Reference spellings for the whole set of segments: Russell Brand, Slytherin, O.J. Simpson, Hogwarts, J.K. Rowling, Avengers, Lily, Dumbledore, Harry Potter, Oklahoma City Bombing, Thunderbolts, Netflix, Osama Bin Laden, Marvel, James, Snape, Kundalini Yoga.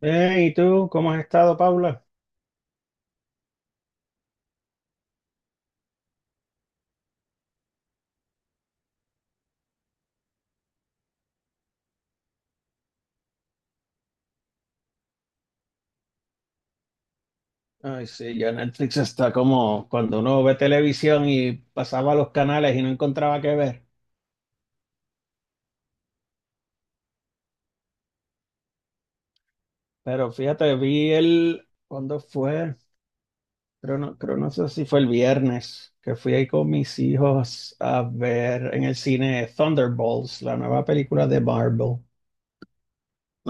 ¿Y tú cómo has estado, Paula? Ay, sí, ya Netflix está como cuando uno ve televisión y pasaba los canales y no encontraba qué ver. Pero fíjate, vi el, ¿cuándo fue? Creo no sé si fue el viernes, que fui ahí con mis hijos a ver en el cine Thunderbolts, la nueva película de Marvel.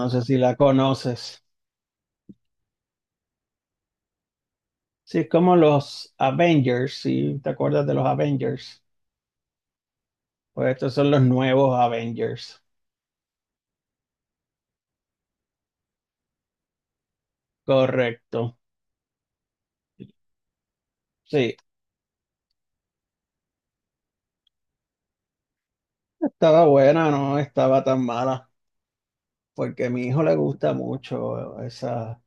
No sé si la conoces. Sí, es como los Avengers, ¿si te acuerdas de los Avengers? Pues estos son los nuevos Avengers. Correcto. Sí. Estaba buena, no estaba tan mala, porque a mi hijo le gusta mucho esa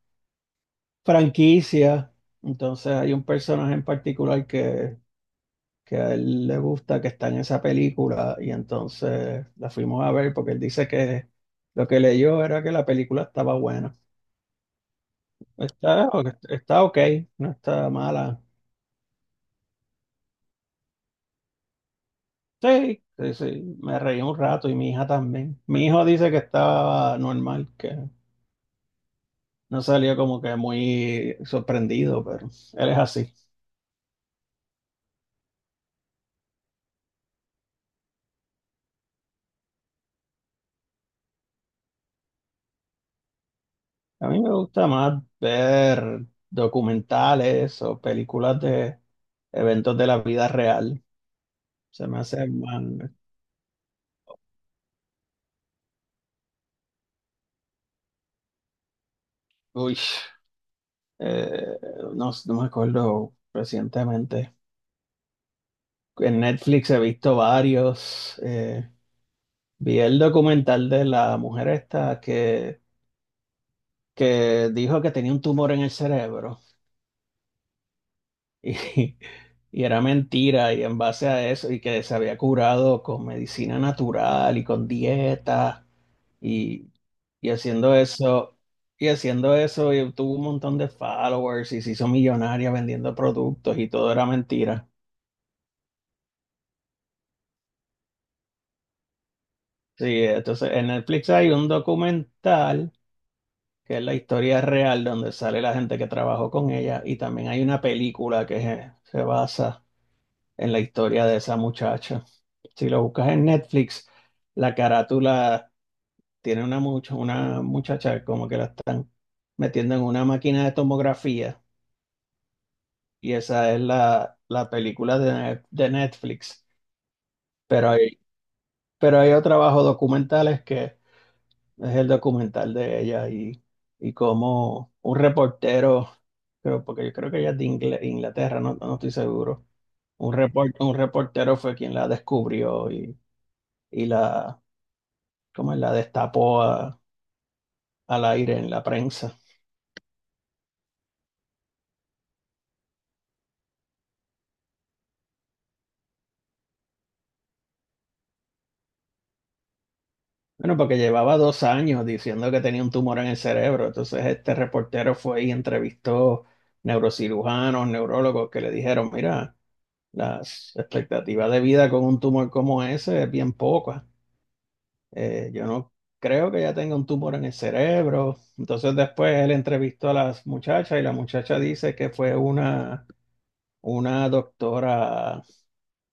franquicia. Entonces hay un personaje en particular que a él le gusta, que está en esa película, y entonces la fuimos a ver porque él dice que lo que leyó era que la película estaba buena. Está, está ok, no está mala. Sí, sí, sí, me reí un rato y mi hija también. Mi hijo dice que estaba normal, que no salió como que muy sorprendido, pero él es así. A mí me gusta más ver documentales o películas de eventos de la vida real. Se me hace más... Uy, eh, no, no me acuerdo recientemente. En Netflix he visto varios. Vi el documental de la mujer esta que dijo que tenía un tumor en el cerebro. Y, y era mentira, y en base a eso, y que se había curado con medicina natural y con dieta, y, y haciendo eso, y haciendo eso, y tuvo un montón de followers y se hizo millonaria vendiendo productos y todo era mentira. Sí, entonces en Netflix hay un documental que es la historia real donde sale la gente que trabajó con ella, y también hay una película que se basa en la historia de esa muchacha. Si lo buscas en Netflix, la carátula tiene una muchacha como que la están metiendo en una máquina de tomografía y esa es la película de, de Netflix. Pero hay, pero hay otro trabajo documentales que es el documental de ella y como un reportero, creo, porque yo creo que ella es de Inglaterra, no, no estoy seguro. Un reportero fue quien la descubrió y la, ¿cómo es? La destapó al aire en la prensa. Bueno, porque llevaba dos años diciendo que tenía un tumor en el cerebro. Entonces este reportero fue y entrevistó neurocirujanos, neurólogos que le dijeron, mira, las expectativas de vida con un tumor como ese es bien poca. Yo no creo que ya tenga un tumor en el cerebro. Entonces después él entrevistó a las muchachas y la muchacha dice que fue una doctora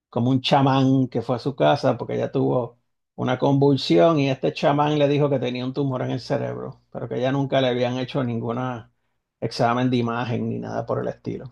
como un chamán que fue a su casa porque ella tuvo una convulsión y este chamán le dijo que tenía un tumor en el cerebro, pero que ella nunca le habían hecho ningún examen de imagen ni nada por el estilo.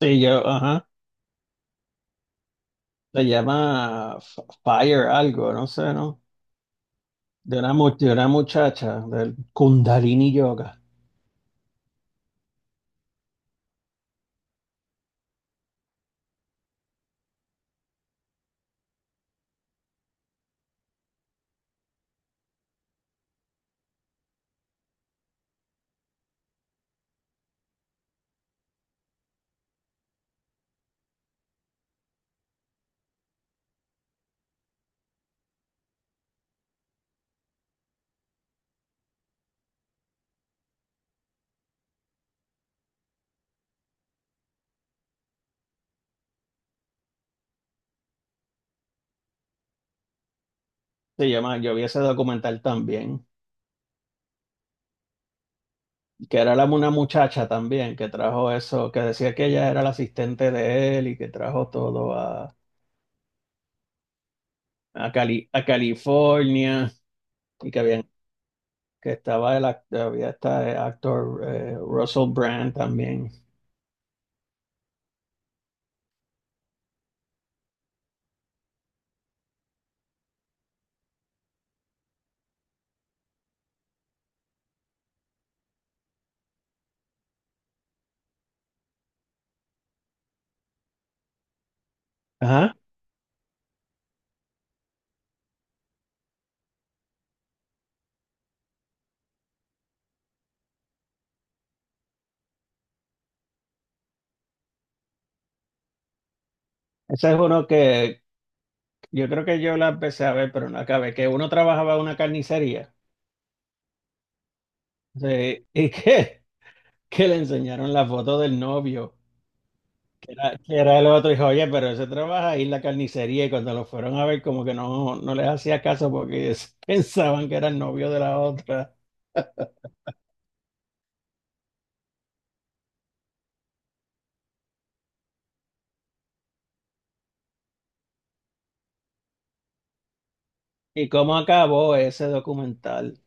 Sí, yo, ajá, se llama Fire algo, no sé, ¿no? De una de una muchacha del Kundalini Yoga. Se llama, yo vi ese documental también. Que era la, una muchacha también que trajo eso, que decía que ella era la asistente de él y que trajo todo a, Cali, a California y que, habían, que estaba el había este actor Russell Brand también. Ajá. Ese es uno que yo creo que yo la empecé a ver, pero no acabé, que uno trabajaba en una carnicería sí, y que le enseñaron la foto del novio. Era- que era el otro, dijo, oye, pero ese trabaja ahí en la carnicería y cuando lo fueron a ver como que no, no les hacía caso porque ellos pensaban que era el novio de la otra. ¿Y cómo acabó ese documental?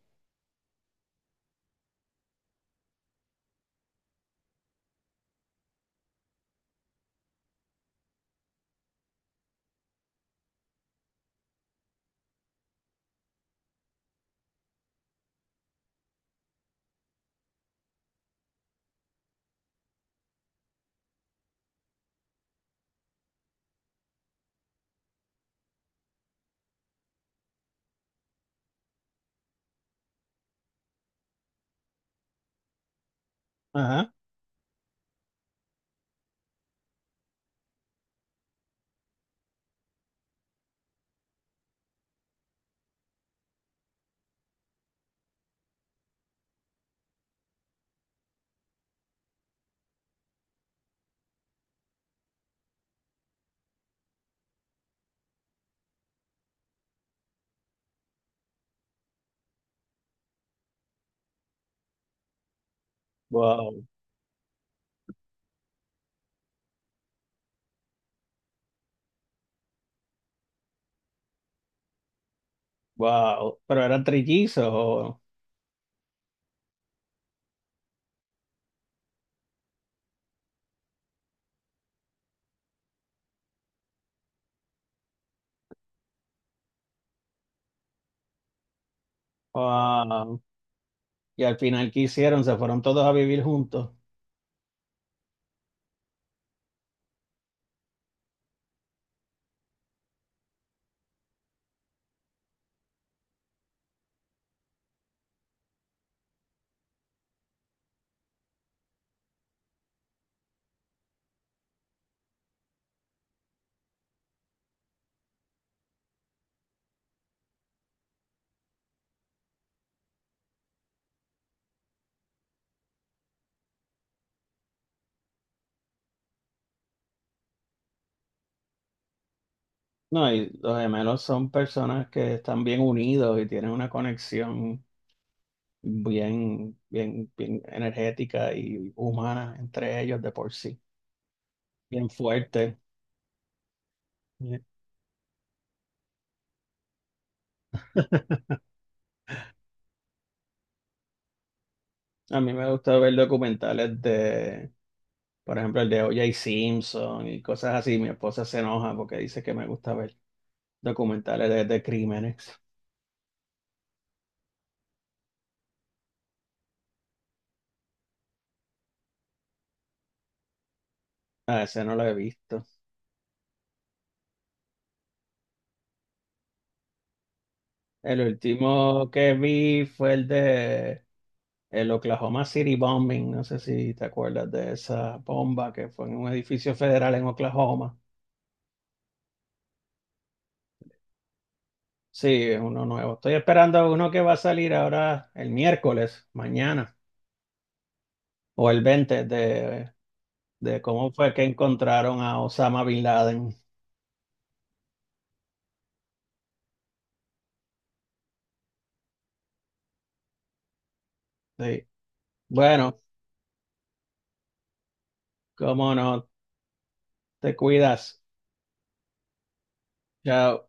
Ajá. Wow, wow. Pero eran trillizos. O- Wow. Y al final, ¿qué hicieron? Se fueron todos a vivir juntos. No, y los gemelos son personas que están bien unidos y tienen una conexión bien, bien, bien energética y humana entre ellos de por sí. Bien fuerte. Bien. A mí me gusta ver documentales de, por ejemplo, el de O.J. Simpson y cosas así. Mi esposa se enoja porque dice que me gusta ver documentales de crímenes. A ese no lo he visto. El último que vi fue el de el Oklahoma City Bombing. No sé si te acuerdas de esa bomba que fue en un edificio federal en Oklahoma. Sí, es uno nuevo. Estoy esperando uno que va a salir ahora el miércoles, mañana, o el 20 de cómo fue que encontraron a Osama Bin Laden. Sí. Bueno, cómo no, te cuidas. Chao.